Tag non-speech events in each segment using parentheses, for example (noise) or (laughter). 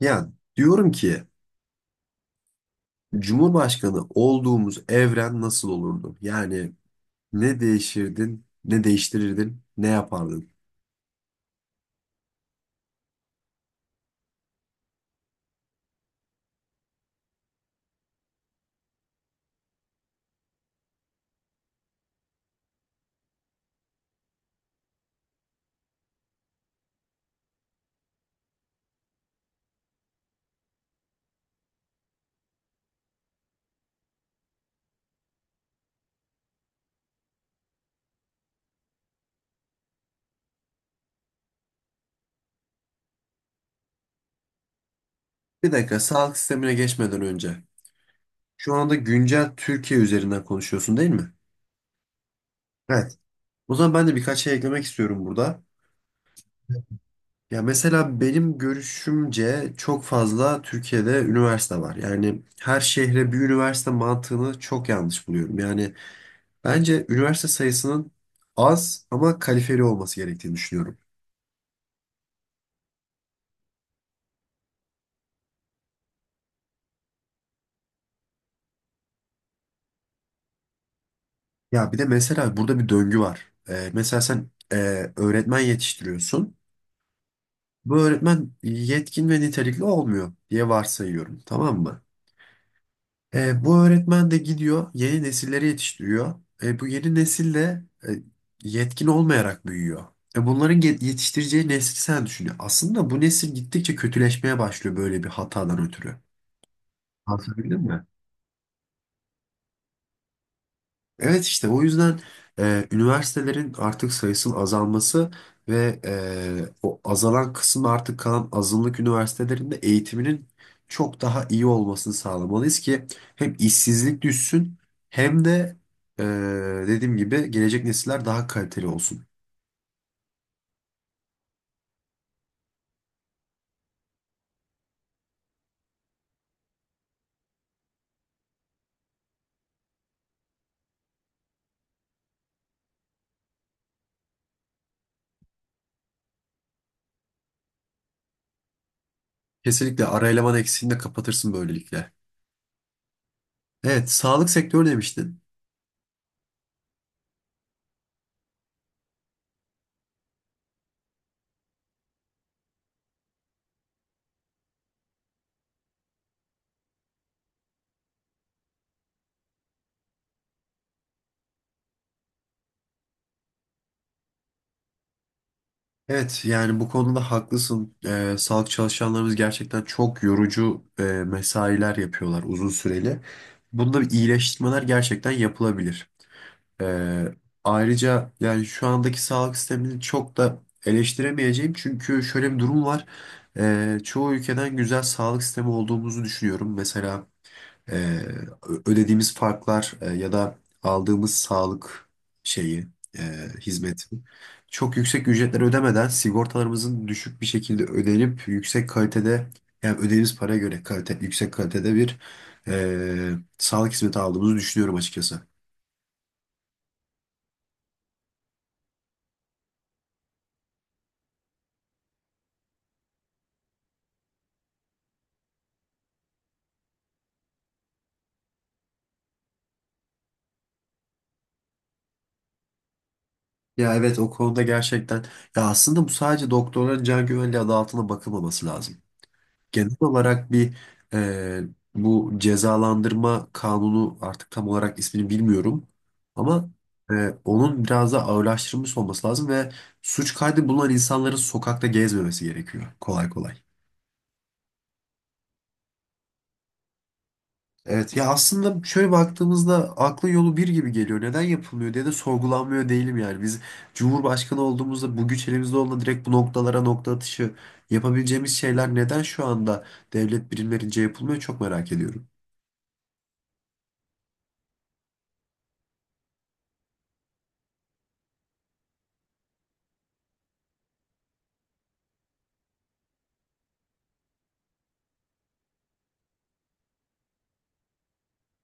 Ya diyorum ki, Cumhurbaşkanı olduğumuz evren nasıl olurdu? Yani ne değişirdin, ne değiştirirdin, ne yapardın? Bir dakika, sağlık sistemine geçmeden önce. Şu anda güncel Türkiye üzerinden konuşuyorsun, değil mi? Evet. O zaman ben de birkaç şey eklemek istiyorum burada. Ya mesela benim görüşümce çok fazla Türkiye'de üniversite var. Yani her şehre bir üniversite mantığını çok yanlış buluyorum. Yani bence üniversite sayısının az ama kalifeli olması gerektiğini düşünüyorum. Ya bir de mesela burada bir döngü var. Mesela sen öğretmen yetiştiriyorsun. Bu öğretmen yetkin ve nitelikli olmuyor diye varsayıyorum, tamam mı? Bu öğretmen de gidiyor, yeni nesilleri yetiştiriyor. Bu yeni nesil de yetkin olmayarak büyüyor. Bunların yetiştireceği nesli sen düşünüyor. Aslında bu nesil gittikçe kötüleşmeye başlıyor böyle bir hatadan ötürü. Anlatabildim mi? Evet, işte o yüzden üniversitelerin artık sayısının azalması ve o azalan kısmı artık kalan azınlık üniversitelerinde eğitiminin çok daha iyi olmasını sağlamalıyız ki hem işsizlik düşsün hem de e, dediğim gibi gelecek nesiller daha kaliteli olsun. Kesinlikle ara eleman eksiğini de kapatırsın böylelikle. Evet, sağlık sektörü demiştin. Evet, yani bu konuda haklısın. Sağlık çalışanlarımız gerçekten çok yorucu mesailer yapıyorlar uzun süreli. Bunda bir iyileştirmeler gerçekten yapılabilir. Ee, ayrıca yani şu andaki sağlık sistemini çok da eleştiremeyeceğim. Çünkü şöyle bir durum var. Çoğu ülkeden güzel sağlık sistemi olduğumuzu düşünüyorum. Mesela e, ödediğimiz farklar, ya da aldığımız sağlık şeyi, e, hizmeti, çok yüksek ücretler ödemeden sigortalarımızın düşük bir şekilde ödenip yüksek kalitede, yani ödediğimiz paraya göre kalite, yüksek kalitede bir e, sağlık hizmeti aldığımızı düşünüyorum açıkçası. Ya evet, o konuda gerçekten, ya aslında bu sadece doktorların can güvenliği adı altında bakılmaması lazım. Genel olarak bir e, bu cezalandırma kanunu, artık tam olarak ismini bilmiyorum ama e, onun biraz da ağırlaştırılmış olması lazım ve suç kaydı bulunan insanların sokakta gezmemesi gerekiyor kolay kolay. Evet ya, aslında şöyle baktığımızda aklı yolu bir gibi geliyor. Neden yapılmıyor diye de sorgulanmıyor değilim yani. Biz Cumhurbaşkanı olduğumuzda, bu güç elimizde olduğunda, direkt bu noktalara nokta atışı yapabileceğimiz şeyler neden şu anda devlet birimlerince yapılmıyor, çok merak ediyorum.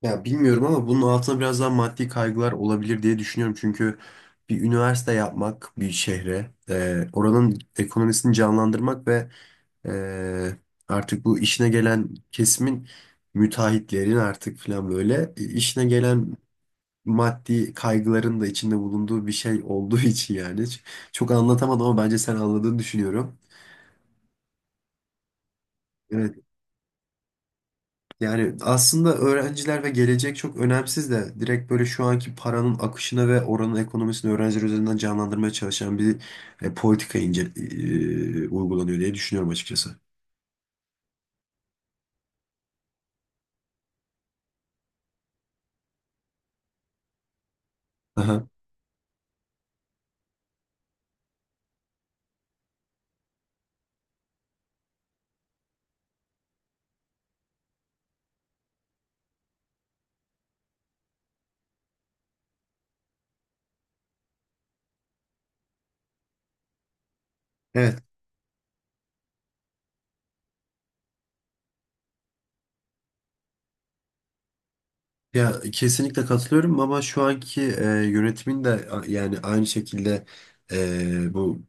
Ya bilmiyorum ama bunun altına biraz daha maddi kaygılar olabilir diye düşünüyorum. Çünkü bir üniversite yapmak bir şehre, oranın ekonomisini canlandırmak ve e, artık bu işine gelen kesimin, müteahhitlerin artık falan böyle işine gelen maddi kaygıların da içinde bulunduğu bir şey olduğu (laughs) için yani. Çok anlatamadım ama bence sen anladığını düşünüyorum. Evet. Yani aslında öğrenciler ve gelecek çok önemsiz de, direkt böyle şu anki paranın akışını ve oranın ekonomisini öğrenciler üzerinden canlandırmaya çalışan bir politika ince, uygulanıyor diye düşünüyorum açıkçası. Aha. Evet. Ya kesinlikle katılıyorum ama şu anki yönetimin de yani aynı şekilde bu,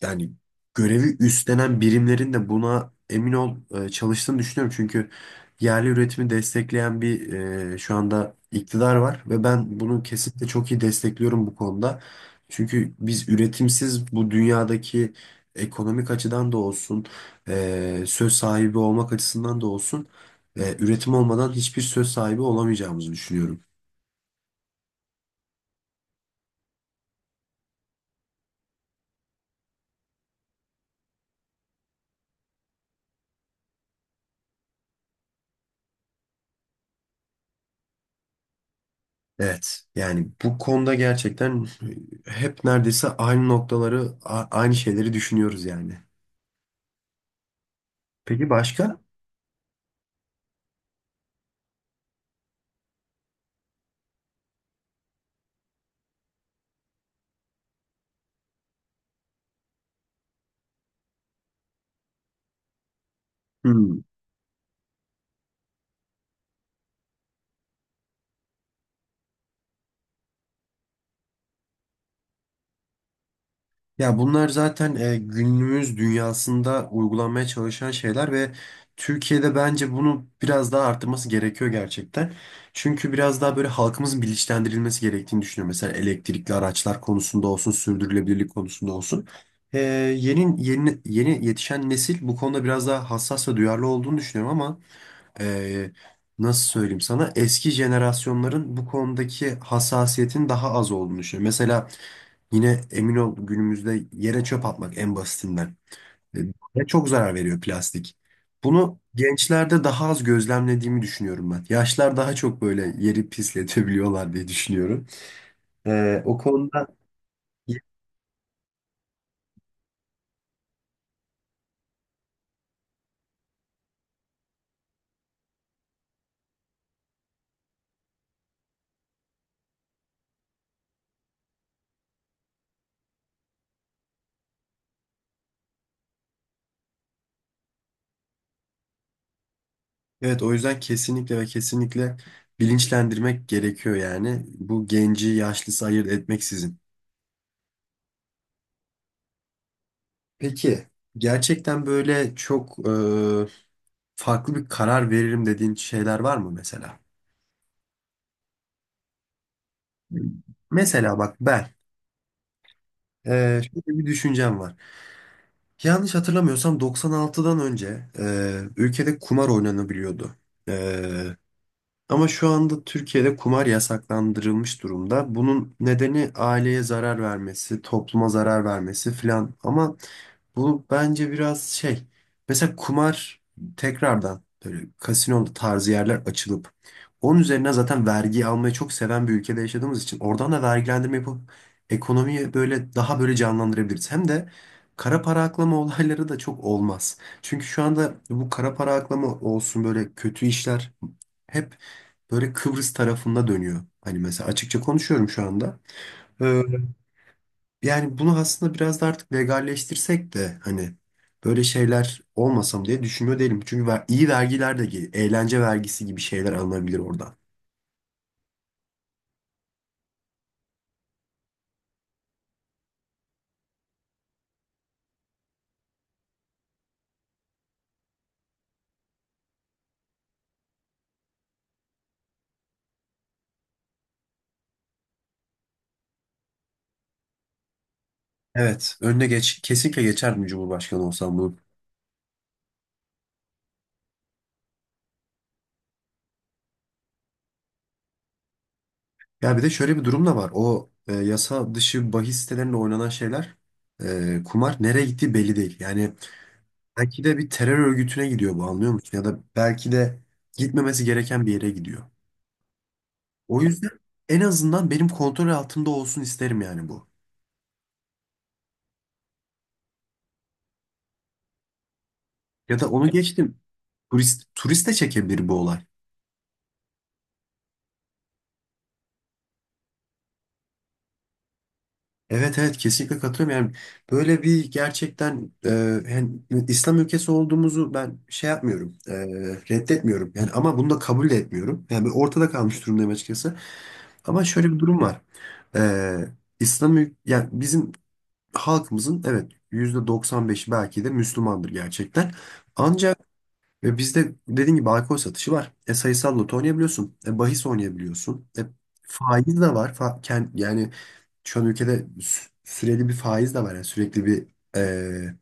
yani görevi üstlenen birimlerin de buna emin ol çalıştığını düşünüyorum. Çünkü yerli üretimi destekleyen bir, şu anda iktidar var ve ben bunu kesinlikle çok iyi destekliyorum bu konuda. Çünkü biz üretimsiz bu dünyadaki ekonomik açıdan da olsun, söz sahibi olmak açısından da olsun, üretim olmadan hiçbir söz sahibi olamayacağımızı düşünüyorum. Evet. Yani bu konuda gerçekten hep neredeyse aynı noktaları, aynı şeyleri düşünüyoruz yani. Peki başka? Hmm. Ya bunlar zaten günümüz dünyasında uygulanmaya çalışan şeyler ve Türkiye'de bence bunu biraz daha arttırması gerekiyor gerçekten. Çünkü biraz daha böyle halkımızın bilinçlendirilmesi gerektiğini düşünüyorum. Mesela elektrikli araçlar konusunda olsun, sürdürülebilirlik konusunda olsun. E, yeni, yeni yetişen nesil bu konuda biraz daha hassas ve duyarlı olduğunu düşünüyorum ama e, nasıl söyleyeyim sana, eski jenerasyonların bu konudaki hassasiyetin daha az olduğunu düşünüyorum. Mesela yine emin ol günümüzde yere çöp atmak en basitinden. E, Ve çok zarar veriyor plastik. Bunu gençlerde daha az gözlemlediğimi düşünüyorum ben. Yaşlar daha çok böyle yeri pisletebiliyorlar diye düşünüyorum. E, o konuda evet, o yüzden kesinlikle ve kesinlikle bilinçlendirmek gerekiyor yani. Bu genci yaşlısı ayırt etmeksizin. Peki gerçekten böyle çok farklı bir karar veririm dediğin şeyler var mı mesela? Mesela bak ben, şöyle bir düşüncem var. Yanlış hatırlamıyorsam 96'dan önce ülkede kumar oynanabiliyordu. Ama şu anda Türkiye'de kumar yasaklandırılmış durumda. Bunun nedeni aileye zarar vermesi, topluma zarar vermesi filan. Ama bu bence biraz şey. Mesela kumar tekrardan böyle kasino tarzı yerler açılıp, onun üzerine zaten vergi almayı çok seven bir ülkede yaşadığımız için oradan da vergilendirme yapıp ekonomiyi böyle daha böyle canlandırabiliriz. Hem de kara para aklama (laughs) olayları da çok olmaz. Çünkü şu anda bu kara para aklama olsun, böyle kötü işler hep böyle Kıbrıs tarafında dönüyor. Hani mesela açıkça konuşuyorum şu anda. Ee, yani bunu aslında biraz da artık legalleştirsek de hani böyle şeyler olmasam diye düşünüyor değilim. Çünkü iyi vergiler de geliyor. Eğlence vergisi gibi şeyler alınabilir oradan. Evet, önüne geç, kesinlikle geçerdim Cumhurbaşkanı olsam bunu. Ya bir de şöyle bir durum da var. O yasa dışı bahis sitelerinde oynanan şeyler, kumar nereye gittiği belli değil. Yani belki de bir terör örgütüne gidiyor bu, anlıyor musun? Ya da belki de gitmemesi gereken bir yere gidiyor. O yüzden en azından benim kontrol altımda olsun isterim yani bu. Ya da onu geçtim. Turist, turist de çekebilir bu olay. Evet evet, kesinlikle katılıyorum. Yani böyle bir gerçekten yani İslam ülkesi olduğumuzu ben şey yapmıyorum. Reddetmiyorum. Yani ama bunu da kabul de etmiyorum. Yani ben ortada kalmış durumdayım açıkçası. Ama şöyle bir durum var. E, yani bizim halkımızın, evet, %95 belki de Müslümandır gerçekten. Ancak ve bizde dediğim gibi alkol satışı var. Sayısal loto oynayabiliyorsun. Bahis oynayabiliyorsun. Faiz de var. Yani şu an ülkede süreli bir faiz de var. Yani sürekli bir e,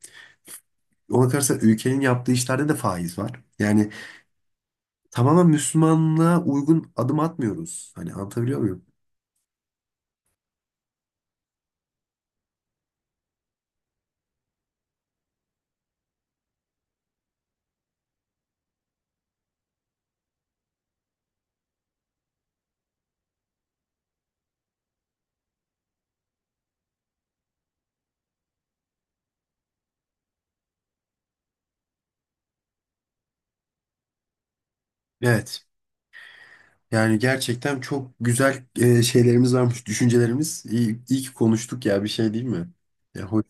ona karşı ülkenin yaptığı işlerde de faiz var. Yani tamamen Müslümanlığa uygun adım atmıyoruz. Hani anlatabiliyor muyum? Evet. Yani gerçekten çok güzel şeylerimiz varmış, düşüncelerimiz. İyi, iyi ki konuştuk ya, bir şey değil mi? Ya, hoş.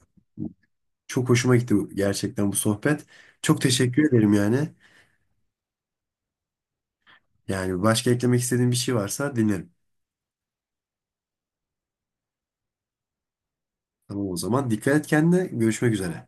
Çok hoşuma gitti gerçekten bu sohbet. Çok teşekkür ederim yani. Yani başka eklemek istediğin bir şey varsa dinlerim. Tamam o zaman. Dikkat et kendine. Görüşmek üzere.